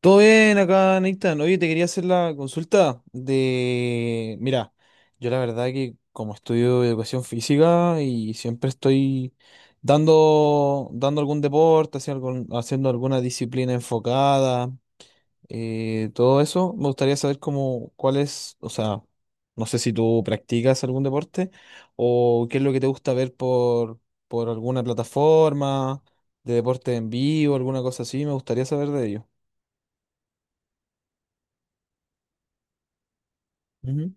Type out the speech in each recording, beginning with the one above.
Todo bien acá, Nathan. Oye, te quería hacer la consulta de... Mira, yo la verdad que como estudio educación física y siempre estoy dando algún deporte, haciendo, haciendo alguna disciplina enfocada, todo eso, me gustaría saber cómo, cuál es, o sea, no sé si tú practicas algún deporte o qué es lo que te gusta ver por alguna plataforma de deporte en vivo, alguna cosa así, me gustaría saber de ello.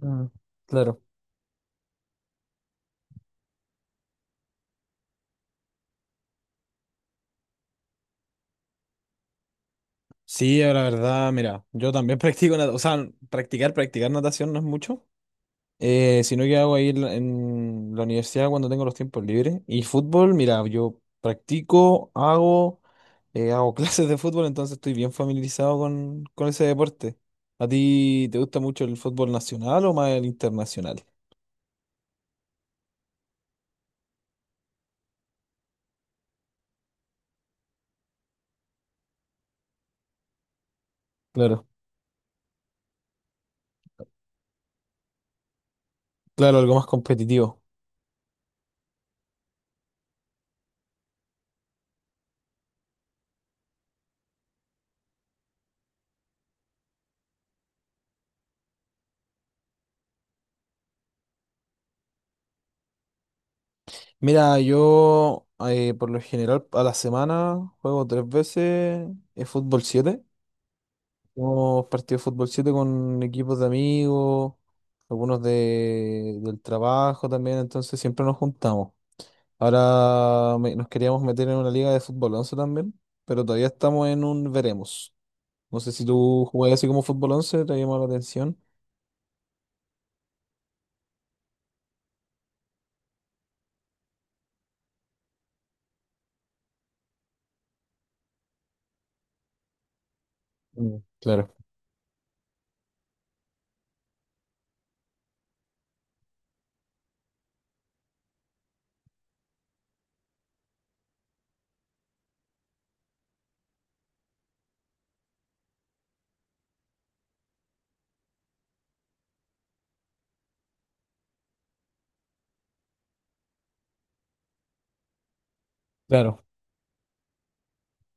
Mm, claro. Sí, la verdad, mira, yo también practico natación, o sea, practicar natación no es mucho, sino que hago ahí en la universidad cuando tengo los tiempos libres. Y fútbol, mira, yo practico, hago, hago clases de fútbol, entonces estoy bien familiarizado con ese deporte. ¿A ti te gusta mucho el fútbol nacional o más el internacional? Claro, claro, algo más competitivo. Mira, yo por lo general a la semana juego tres veces fútbol 7. Hemos partido de fútbol 7 con equipos de amigos, algunos del trabajo también, entonces siempre nos juntamos. Ahora nos queríamos meter en una liga de fútbol 11 también, pero todavía estamos en un veremos. No sé si tú jugás así como fútbol 11 te llamó la atención. Mm, claro. Claro.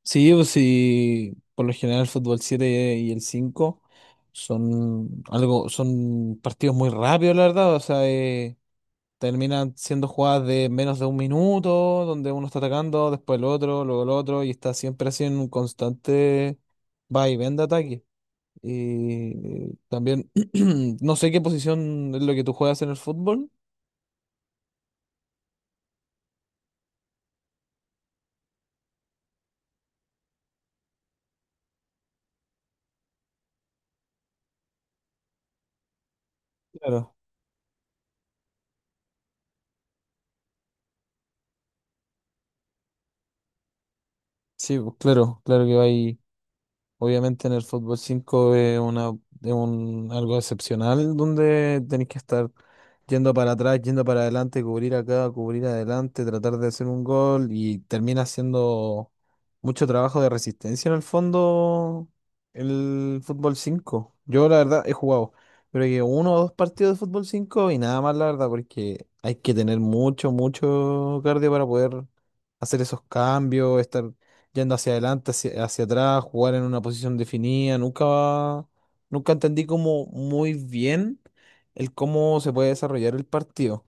Sí, pues sí, por lo general el fútbol 7 y el 5 son partidos muy rápidos, la verdad. O sea, terminan siendo jugadas de menos de un minuto, donde uno está atacando, después el otro, luego el otro, y está siempre así en un constante va y ven de ataque. Y también, no sé qué posición es lo que tú juegas en el fútbol. Claro. Sí, pues, claro, claro que va ahí. Obviamente en el fútbol 5 es un, algo excepcional donde tenés que estar yendo para atrás, yendo para adelante, cubrir acá, cubrir adelante, tratar de hacer un gol y termina siendo mucho trabajo de resistencia en el fondo el fútbol cinco. Yo la verdad he jugado, creo que uno o dos partidos de fútbol 5 y nada más la verdad porque hay que tener mucho, mucho cardio para poder hacer esos cambios, estar yendo hacia adelante, hacia atrás, jugar en una posición definida. Nunca entendí como muy bien el cómo se puede desarrollar el partido.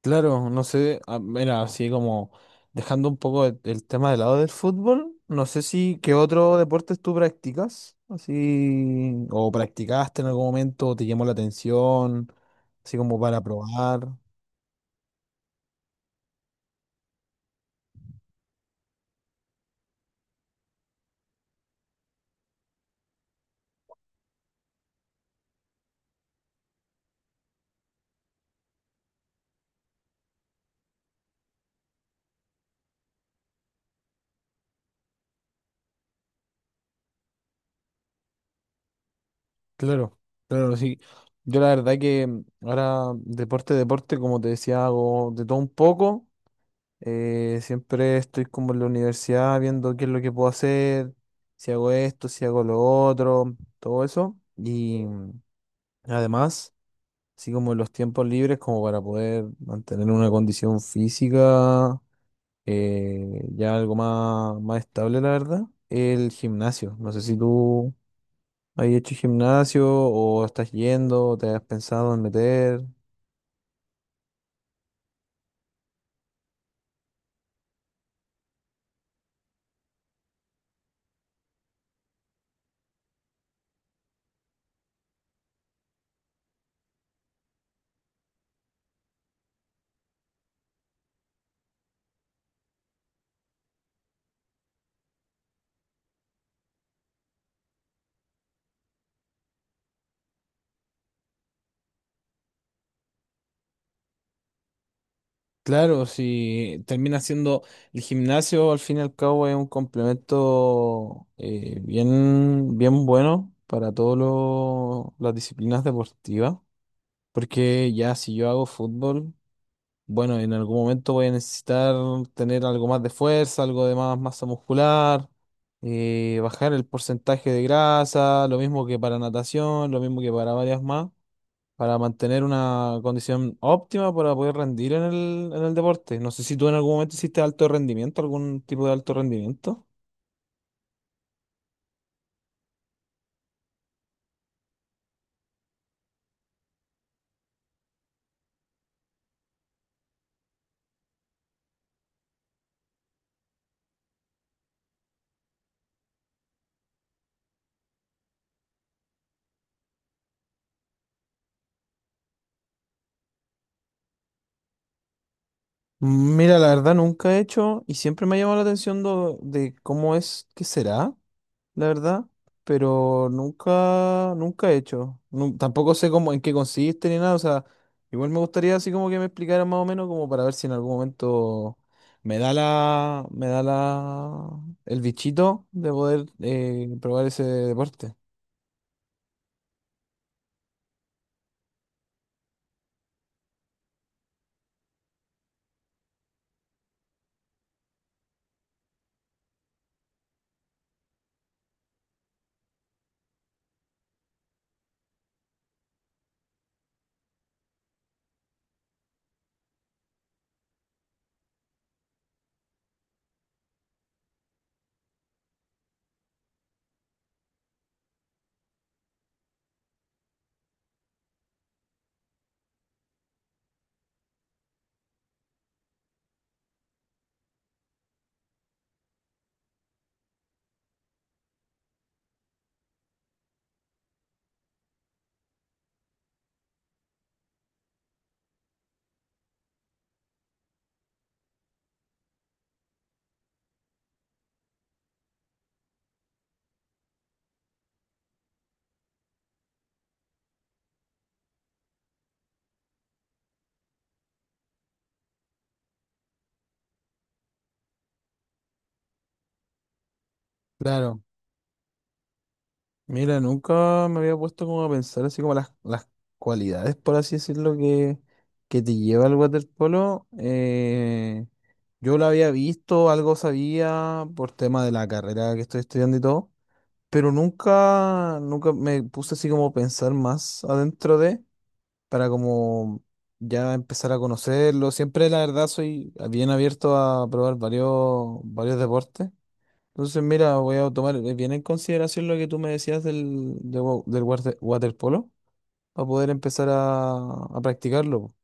Claro, no sé, ah, mira, así como dejando un poco el tema de lado del fútbol, no sé si qué otro deportes tú practicas, así, o practicaste en algún momento, o te llamó la atención, así como para probar. Claro, claro, sí. Yo la verdad que mm, ahora deporte, como te decía, hago de todo un poco. Siempre estoy como en la universidad viendo qué es lo que puedo hacer, si hago esto, si hago lo otro, todo eso. Y mm, además, así como los tiempos libres, como para poder mantener una condición física ya algo más, más estable, la verdad, el gimnasio. No sé si tú... ¿Has hecho gimnasio o estás yendo o te has pensado en meter? Claro, si termina siendo el gimnasio, al fin y al cabo es un complemento bien, bien bueno para todas las disciplinas deportivas, porque ya si yo hago fútbol, bueno, en algún momento voy a necesitar tener algo más de fuerza, algo de más masa muscular, bajar el porcentaje de grasa, lo mismo que para natación, lo mismo que para varias más, para mantener una condición óptima para poder rendir en en el deporte. No sé si tú en algún momento hiciste alto rendimiento, algún tipo de alto rendimiento. Mira, la verdad nunca he hecho y siempre me ha llamado la atención de cómo es que será. La verdad, pero nunca he hecho. Tampoco sé cómo, en qué consiste ni nada, o sea, igual me gustaría así como que me explicaran más o menos como para ver si en algún momento me da la, el bichito de poder probar ese deporte. Claro. Mira, nunca me había puesto como a pensar así como las cualidades, por así decirlo, que te lleva al waterpolo. Yo lo había visto, algo sabía por tema de la carrera que estoy estudiando y todo, pero nunca me puse así como a pensar más adentro de, para como ya empezar a conocerlo. Siempre, la verdad, soy bien abierto a probar varios deportes. Entonces, mira, voy a tomar bien en consideración lo que tú me decías del, de waterpolo para poder empezar a practicarlo. Po.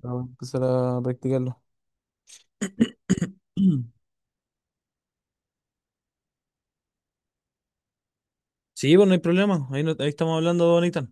Para empezar a practicarlo. Sí, pues no hay problema. Ahí, ahí estamos hablando, Bonita.